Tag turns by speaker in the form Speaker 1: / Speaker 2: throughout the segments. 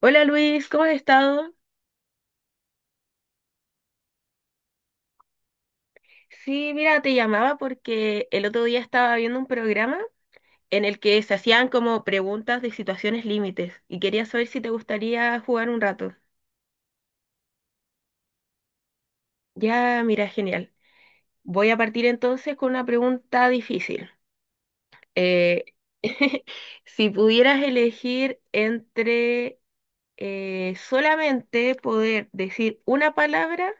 Speaker 1: Hola Luis, ¿cómo has estado? Sí, mira, te llamaba porque el otro día estaba viendo un programa en el que se hacían como preguntas de situaciones límites y quería saber si te gustaría jugar un rato. Ya, mira, genial. Voy a partir entonces con una pregunta difícil. Eh, si pudieras elegir entre solamente poder decir una palabra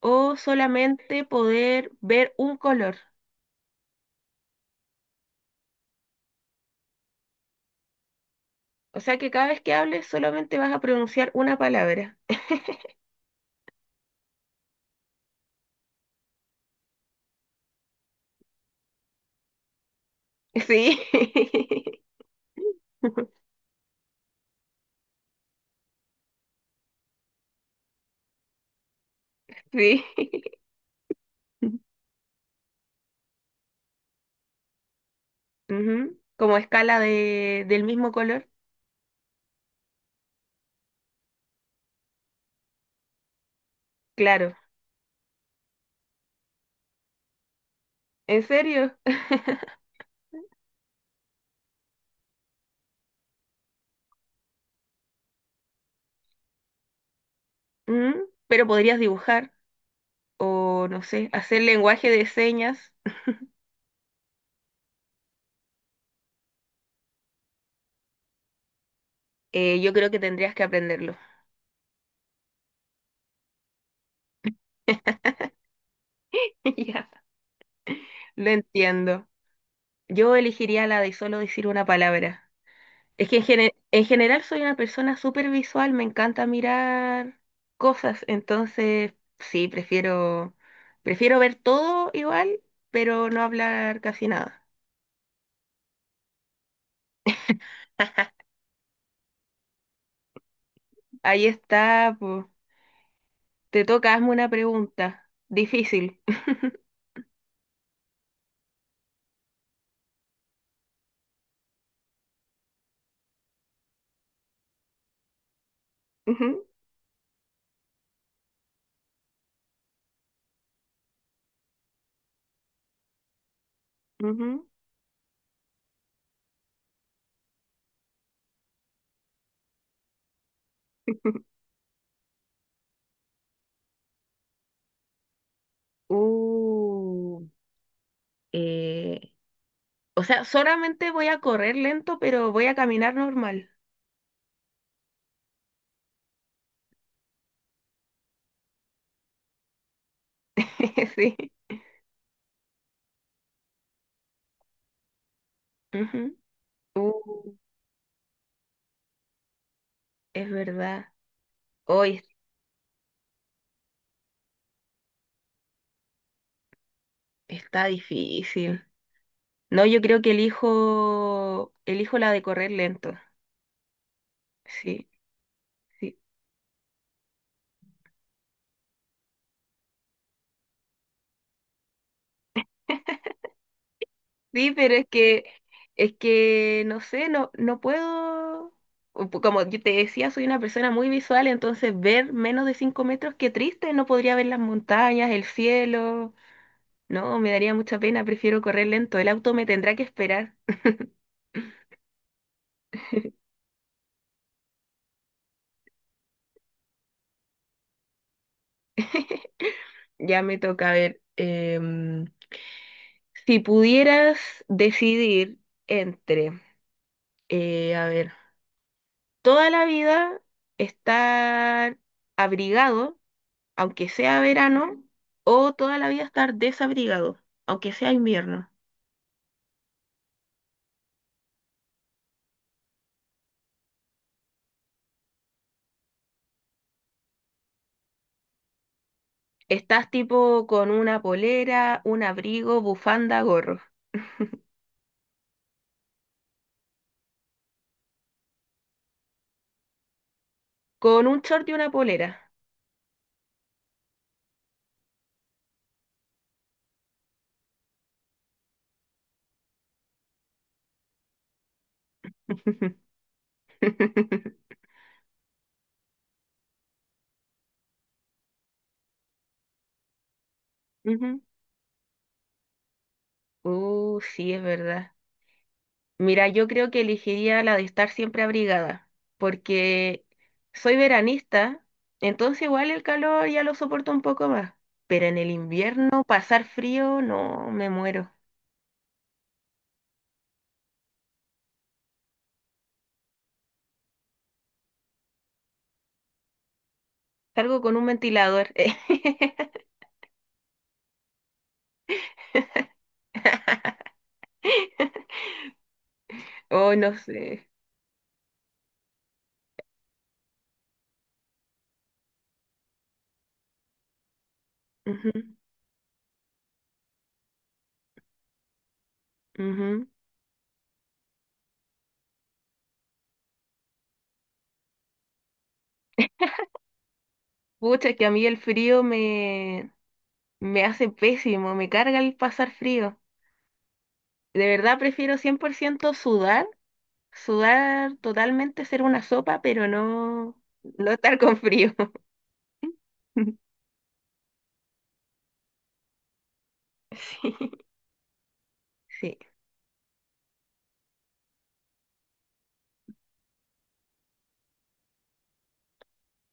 Speaker 1: o solamente poder ver un color. O sea que cada vez que hables solamente vas a pronunciar una palabra. Sí, sí. Ujú. Como escala de, del mismo color. Claro. ¿En serio? Mm, pero podrías dibujar o, no sé, hacer lenguaje de señas. Yo creo que tendrías que aprenderlo. Ya. Lo entiendo. Yo elegiría la de solo decir una palabra. Es que en, gene- en general soy una persona súper visual, me encanta mirar cosas, entonces sí, prefiero, prefiero ver todo igual, pero no hablar casi nada. Ahí está, po. Te toca, hazme una pregunta. Difícil. Ujú, ujú. Uh, eh, o sea, solamente voy a correr lento, pero voy a caminar normal. Sí. Ujú. Uh, es verdad. Hoy está difícil. No, yo creo que elijo la de correr lento. Sí, sí. Sí, pero es que, no sé, no puedo. O po- como yo te decía, soy una persona muy visual, entonces ver menos de 5 metros, qué triste, no podría ver las montañas, el cielo. No, me daría mucha pena, prefiero correr lento. El auto me tendrá que esperar. Ya me toca a ver. Si pudieras decidir entre, a ver, toda la vida estar abrigado, aunque sea verano, o toda la vida estar desabrigado, aunque sea invierno. Estás tipo con una polera, un abrigo, bufanda, gorro. Con un short y una polera. Ujú. Sí, es verdad. Mira, yo creo que elegiría la de estar siempre abrigada, porque soy veranista, entonces igual el calor ya lo soporto un poco más, pero en el invierno pasar frío, no, me muero. Salgo con un ventilador. Oh, no sé. Ujú, ujú. Pucha, que a mí me hace pésimo, me carga el pasar frío. De verdad prefiero 100 por ciento sudar. Sudar totalmente, ser una sopa, pero no, no estar con frío. Sí. Sí.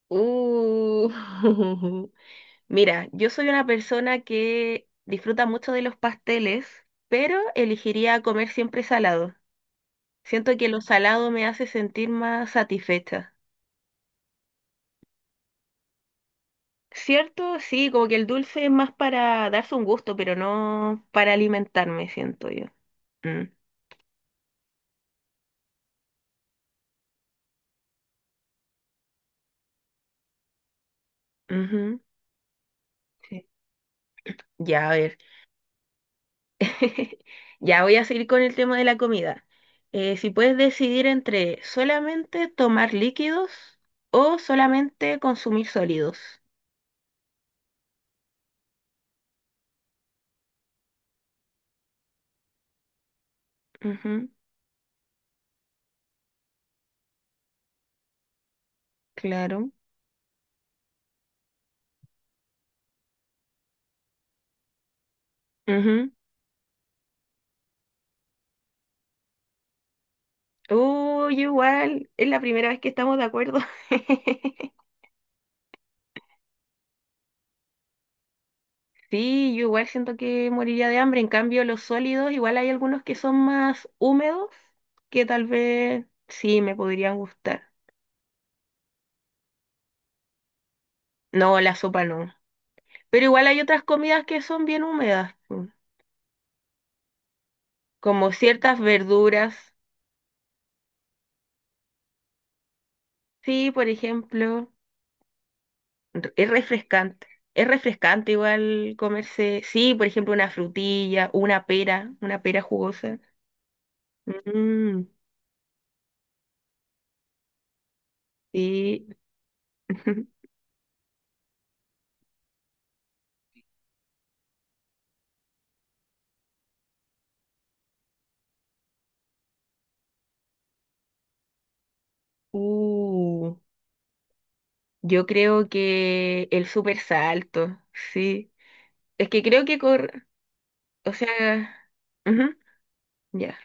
Speaker 1: Uh, mira, yo soy una persona que disfruta mucho de los pasteles, pero elegiría comer siempre salado. Siento que lo salado me hace sentir más satisfecha. Cierto, sí, como que el dulce es más para darse un gusto, pero no para alimentarme, siento yo. Mm, ujú, sí. Ya, a ver. Ya voy a seguir con el tema de la comida. Si puedes decidir entre solamente tomar líquidos o solamente consumir sólidos. Ujú, claro. Ujú. Uy, igual, es la primera vez que estamos de acuerdo. Sí, yo igual siento que moriría de hambre. En cambio, los sólidos, igual hay algunos que son más húmedos, que tal vez sí me podrían gustar. No, la sopa no. Pero igual hay otras comidas que son bien húmedas. Como ciertas verduras. Sí, por ejemplo, re- es refrescante. Es refrescante igual comerse, sí, por ejemplo, una frutilla, una pera jugosa. Mm, sí. Uh, yo creo que el super salto, sí. Es que creo que corre, o sea, ujú, ya,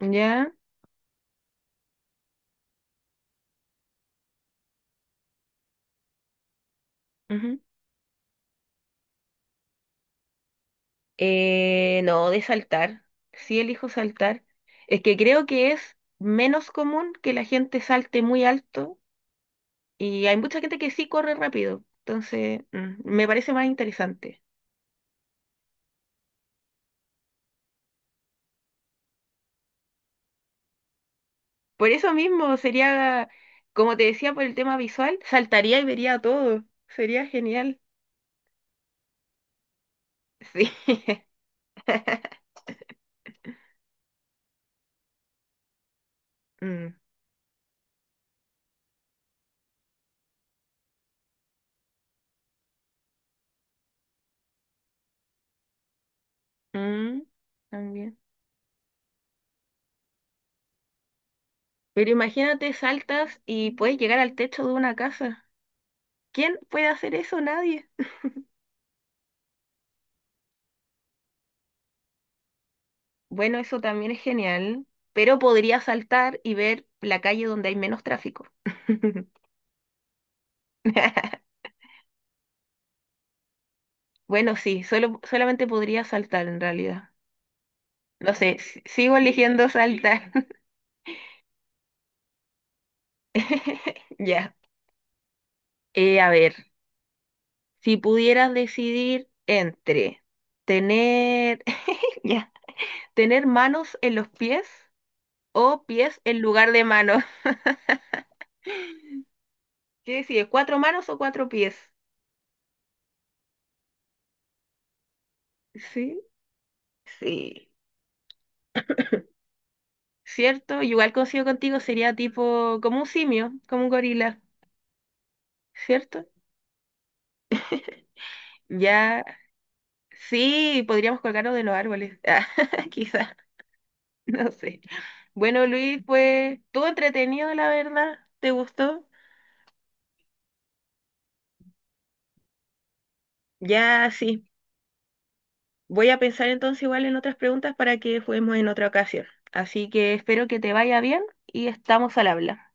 Speaker 1: ujú, ya, ujú. No, de saltar. Sí elijo saltar. Es que creo que es menos común que la gente salte muy alto y hay mucha gente que sí corre rápido. Entonces, mm, me parece más interesante. Por eso mismo sería, como te decía, por el tema visual, saltaría y vería todo. Sería genial. Sí. Mm, mm, también. Pero imagínate, saltas y puedes llegar al techo de una casa. ¿Quién puede hacer eso? Nadie. Bueno, eso también es genial, pero podría saltar y ver la calle donde hay menos tráfico. Bueno, sí, solo, solamente podría saltar en realidad. No sé, s- sigo eligiendo saltar. Ya. A ver, si pudieras decidir entre tener, ya, tener manos en los pies o pies en lugar de manos. ¿Qué decides? ¿Cuatro manos o cuatro pies? Sí, sí. ¿Cierto? Igual coincido contigo, sería tipo como un simio, como un gorila, ¿cierto? Ya, sí, podríamos colgarnos de los árboles. Ah, quizá, no sé. Bueno, Luis, pues todo entretenido, la verdad, ¿te gustó? Ya, sí. Voy a pensar entonces igual en otras preguntas para que juguemos en otra ocasión. Así que espero que te vaya bien y estamos al habla.